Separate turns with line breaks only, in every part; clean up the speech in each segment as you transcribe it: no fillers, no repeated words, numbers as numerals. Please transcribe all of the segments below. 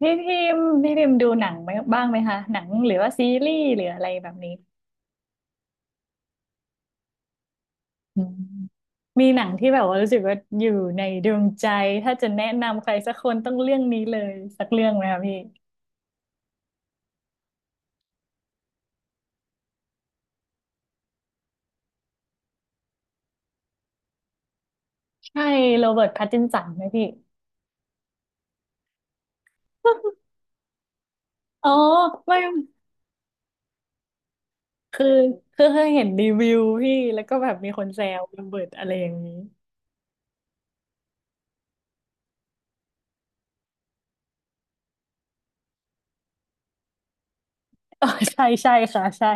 พี่พิมพ์ดูหนังไหมบ้างไหมคะหนังหรือว่าซีรีส์หรืออะไรแบบนี้อืมมีหนังที่แบบว่ารู้สึกว่าอยู่ในดวงใจถ้าจะแนะนำใครสักคนต้องเรื่องนี้เลยสักเรื่องไหมคะพี่ใช่โรเบิร์ตแพตตินสันไหมพี่ อ๋อไม่คือคือเคยเห็นรีวิวพี่แล้วก็แบบมีคนแซวโรเบิร์ตอะไรอย่างนี้ อ๋อใช่ใช่ค่ะใช่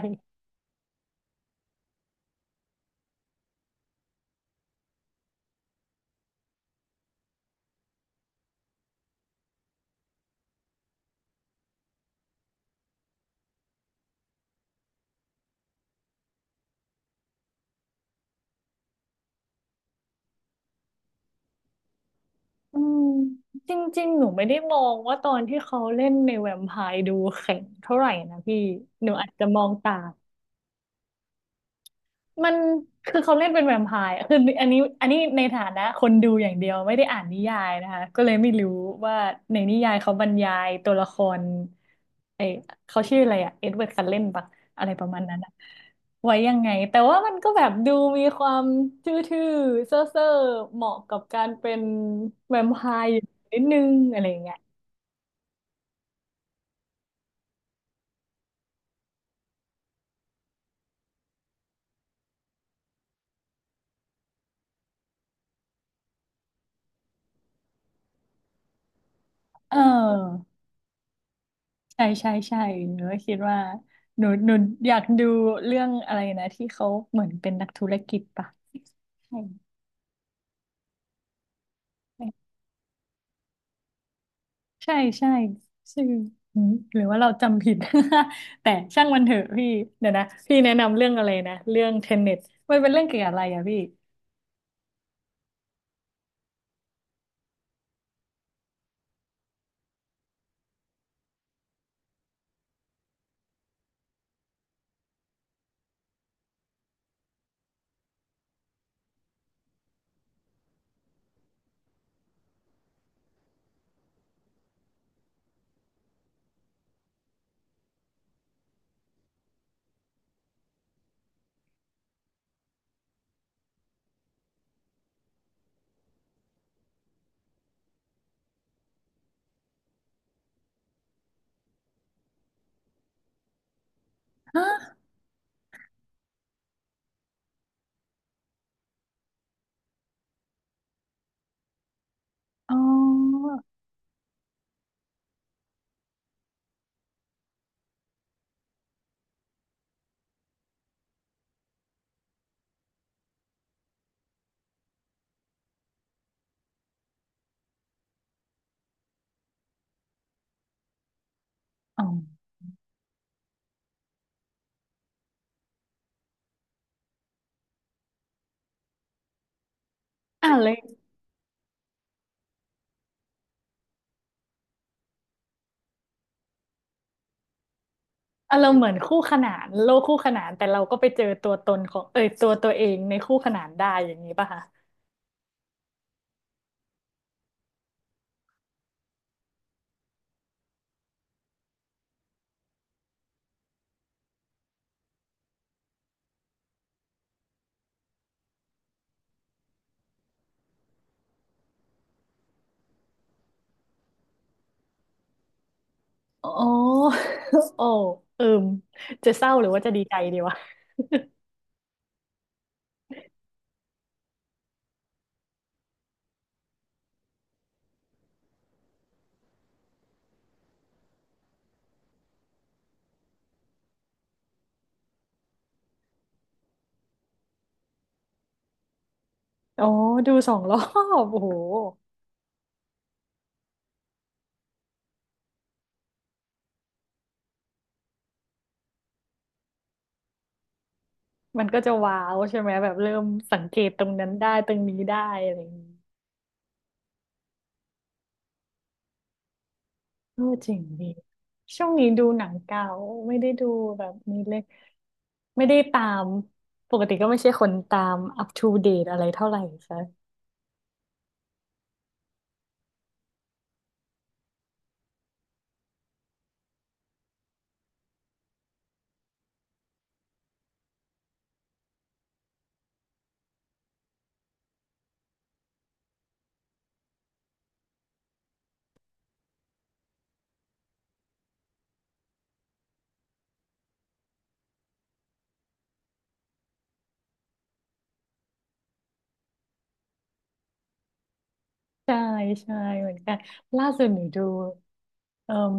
อืมจริงๆหนูไม่ได้มองว่าตอนที่เขาเล่นในแวมไพร์ดูแข็งเท่าไหร่นะพี่หนูอาจจะมองต่างมันคือเขาเล่นเป็นแวมไพร์อะคืออันนี้ในฐานะคนดูอย่างเดียวไม่ได้อ่านนิยายนะคะก็เลยไม่รู้ว่าในนิยายเขาบรรยายตัวละครไอเขาชื่ออะไรอะเอ็ดเวิร์ดซัเลนปะอะไรประมาณนั้นอะไว้ยังไงแต่ว่ามันก็แบบดูมีความทื่อๆเซ่อๆเหมาะกับการเป็นแวมไพร์อยู่นิดนึงอะไรอย่างเงี้ย เออใช่ใช่ใช่หนูก็คิดว่าหนูอยากดูเรื่องอะไรนะที่เขาเหมือนเป็นนักธุรกิจปะใช่ใช่ใช่ใช่ชื่อหืมหรือว่าเราจำผิด แต่ช่างมันเถอะพี่เดี๋ยวนะพี่แนะนำเรื่องอะไรนะเรื่องเทนเน็ตมันเป็นเรื่องเกี่ยวกับอะไรอะพี่ฮะอ๋ออ๋ออ่านเลยอารมณ์เหมือนคู่ขนานโลกคู่ขนานแต่เราก็ไปเจอตัวตนของเอยตัวเองในคู่ขนานได้อย่างนี้ป่ะคะ อ๋อ โอ้เอิมจะเศร้าหรือว่าจะดีใจดีวะ อ๋อ ดูสองรอบ โอ้โหมันก็จะว้าวใช่ไหม แบบเริ่มสังเกตตรงนั้นได้ตรงนี้ได้อะไรอย่างนี้เออเจริงดี ช่วงนี้ดูหนังเก่าไม่ได้ดูแบบนี้เลยไม่ได้ตาม ปกติก็ไม่ใช่คนตามอัป o d เด e อะไรเท่าไหร่ใช่ใช่ใช่เหมือนกันล่าสุดหนูดูเอ่ม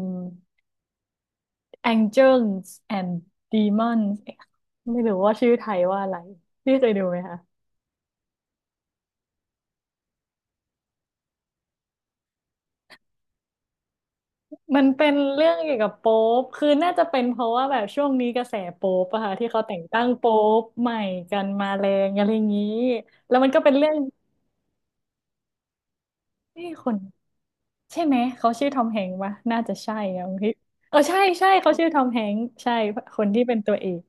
Angels and Demons เอ๊ะไม่รู้ว่าชื่อไทยว่าอะไรพี่เคยดูไหมคะมันเป็นเรื่องเกี่ยวกับโป๊ปคือน่าจะเป็นเพราะว่าแบบช่วงนี้กระแสโป๊ปอะค่ะที่เขาแต่งตั้งโป๊ปใหม่กันมาแรงอะไรอย่างนี้แล้วมันก็เป็นเรื่องที่คนใช่ไหมเขาชื่อทอมแฮงค์ปะน่าจะใช่นะพี่เออใช่ใช่เขาชื่อทอมแฮงค์ใช่คนที่เป็นตัวเอก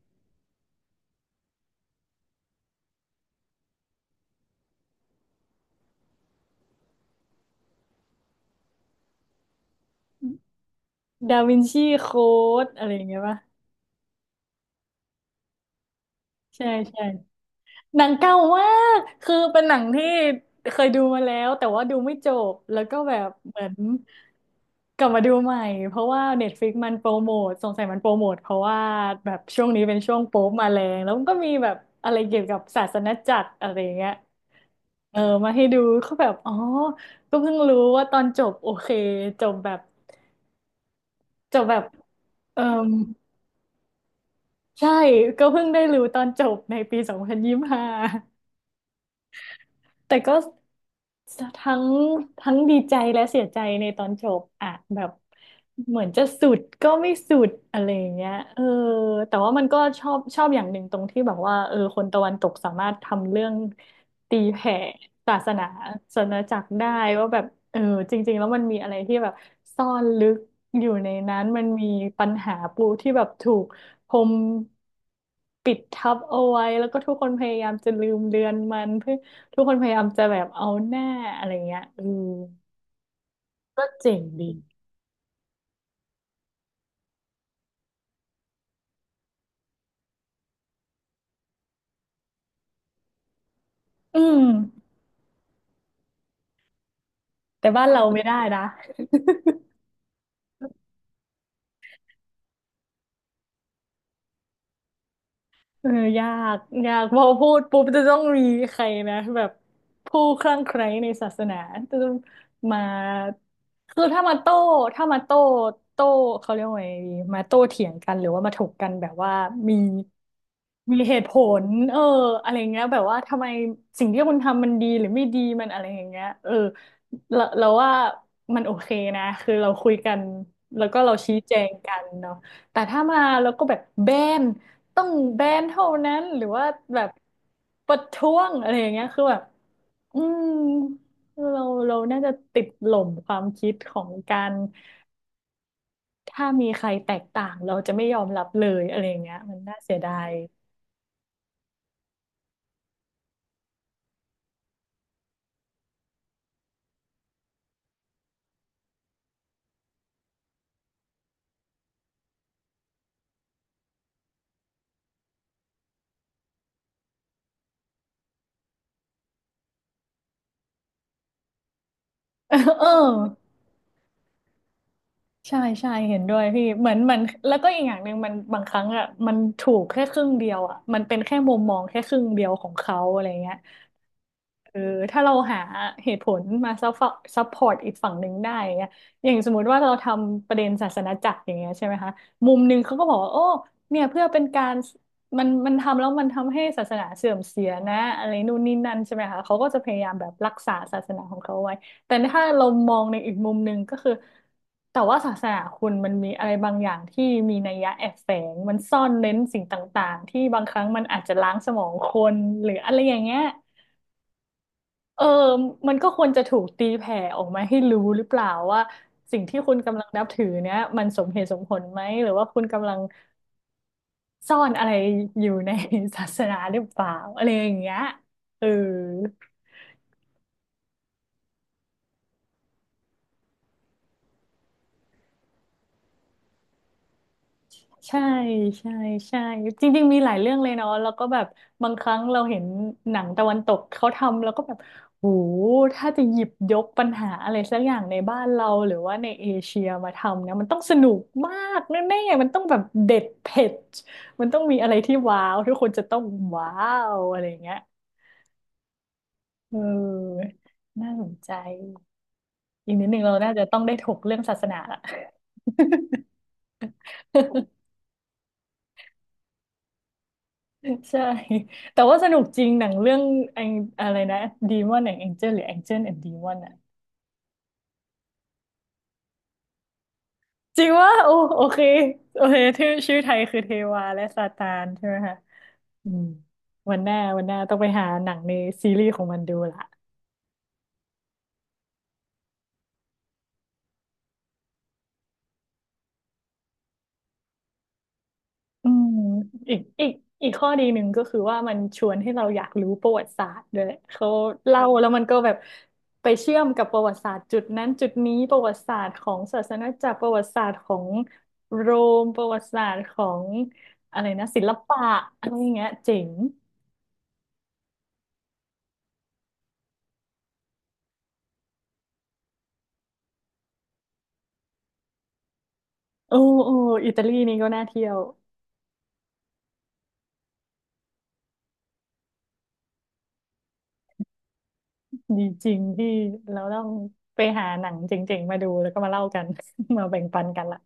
ดาวินชีโค้ดอะไรอย่างเงี้ยปะใช่ใช่ หนังเก่ามากคือเป็นหนังที่เคยดูมาแล้วแต่ว่าดูไม่จบแล้วก็แบบเหมือนกลับมาดูใหม่เพราะว่า Netflix มันโปรโมทสงสัยมันโปรโมทเพราะว่าแบบช่วงนี้เป็นช่วงโป๊ปมาแรงแล้วมันก็มีแบบอะไรเกี่ยวกับศาสนจักรอะไรอย่างเงี้ยเออมาให้ดูเขาแบบอ๋อก็เพิ่งรู้ว่าตอนจบโอเคจบแบบจบแบบเออใช่ก็เพิ่งได้รู้ตอนจบในปี2025 แต่ก็ทั้งทั้งดีใจและเสียใจในตอนจบอะแบบเหมือนจะสุดก็ไม่สุดอะไรอย่างเงี้ยเออแต่ว่ามันก็ชอบอย่างหนึ่งตรงที่แบบว่าเออคนตะวันตกสามารถทำเรื่องตีแผ่ศาสนาศาสนาจักรได้ว่าแบบเออจริงๆแล้วมันมีอะไรที่แบบซ่อนลึกอยู่ในนั้นมันมีปัญหาปูที่แบบถูกพรมปิดทับเอาไว้แล้วก็ทุกคนพยายามจะลืมเลือนมันเพื่อ ทุกคนพยายามจะแบบเอาหน้าอะไรเงี้ยเออก็เจ๋งดีอืมแต่บ้านเราไม่ได้นะ เออยากยากพอพูดปุ๊บจะต้องมีใครนะแบบผู้คลั่งไคล้ในศาสนาจะต้องมาคือถ้ามาโต้ถ้ามาโต้โต้เขาเรียกว่าไงดีมาโต้เถียงกันหรือว่ามาถกกันแบบว่ามีมีเหตุผลเอออะไรเงี้ยแบบว่าทำไมสิ่งที่คุณทำมันดีหรือไม่ดีมันอะไรอย่างเงี้ยเออเราว่ามันโอเคนะคือเราคุยกันแล้วก็เราชี้แจงกันเนาะแต่ถ้ามาแล้วก็แบบแบน ต้องแบนเท่านั้นหรือว่าแบบประท้วงอะไรอย่างเงี้ยคือแบบอืมเราเราน่าจะติดหล่มความคิดของการถ้ามีใครแตกต่างเราจะไม่ยอมรับเลยอะไรอย่างเงี้ยมันน่าเสียดาย เออเออใช่ใช่เห็นด้วยพี่เหมือนเหมันแล้วก็อีกอย่างหนึ่งมันบางครั้งอ่ะมันถูกแค่ครึ่งเดียวอ่ะมันเป็นแค่มุมมองแค่ครึ่งเดียวของเขาอะไรเงี้ย เออถ้าเราหาเหตุผลมาซัพซัพพอร์ตอีกฝั่งหนึ่งได้อย่างเงี้ยอย่างสมมติว่าเราทำประเด็นศาสนาจักรอย่างเงี้ยใช่ไหมคะมุมหนึ่งเขาก็บอกว่าโอ้เนี่ยเพื่อเป็นการมันทำแล้วมันทำให้ศาสนาเสื่อมเสียนะอะไรนู่นนี่นั่นใช่ไหมคะเขาก็จะพยายามแบบรักษาศาสนาของเขาไว้แต่ถ้าเรามองในอีกมุมหนึ่งก็คือแต่ว่าศาสนาคุณมันมีอะไรบางอย่างที่มีนัยยะแอบแฝงมันซ่อนเร้นสิ่งต่างๆที่บางครั้งมันอาจจะล้างสมองคนหรืออะไรอย่างเงี้ย เออมันก็ควรจะถูกตีแผ่ออกมาให้รู้หรือเปล่าว่าสิ่งที่คุณกำลังนับถือเนี้ยมันสมเหตุสมผลไหมหรือว่าคุณกำลังซ่อนอะไรอยู่ใน ศาสนาหรือเปล่าอะไรอย่างเงี้ยเออ ใช่ใช่ใช่จริงๆมีหลายเรื่องเลยเนาะแล้วก็แบบบางครั้งเราเห็นหนังตะวันตกเขาทำแล้วก็แบบโหถ้าจะหยิบยกปัญหาอะไรสักอย่างในบ้านเราหรือว่าในเอเชียมาทำนะมันต้องสนุกมากแน่ๆมันต้องแบบเด็ดเผ็ดมันต้องมีอะไรที่ว้าวทุกคนจะต้องว้าวอะไรอย่างเงี้ยเออน่าสนใจอีกนิดหนึ่งเราน่าจะต้องได้ถกเรื่องศาสนาละ ใช่แต่ว่าสนุกจริงหนังเรื่องแองอะไรนะดีมอนแองเจิลหรือแองเจิลแอนดดีมอนอะจริงว่าโอ้โอเคโอเคชื่อไทยคือเทวาและซาตานใช่ไหมคะอืมวันหน้าต้องไปหาหนังในซีรีส์ของมันดูละ อืมอีกอีกอีกข้อดีหนึ่งก็คือว่ามันชวนให้เราอยากรู้ประวัติศาสตร์ด้วยเขาเล่าแล้วมันก็แบบไปเชื่อมกับประวัติศาสตร์จุดนั้นจุดนี้ประวัติศาสตร์ของศาสนาจักรประวัติศาสตร์ของโรมประวัติศาสตร์ของอะไรนะศิลปะอะไรอย่างเงี้ยเจ๋งโอ้โอ้อิตาลีนี่ก็น่าเที่ยวดีจริงที่เราต้องไปหาหนังเจ๋งๆมาดูแล้วก็มาเล่ากัน มาแบ่งปันกันละ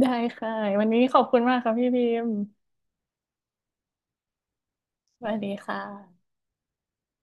ได้ค่ะวันนี้ขอบคุณมากครับพี่พิมพ์ สวัสดีค่ะ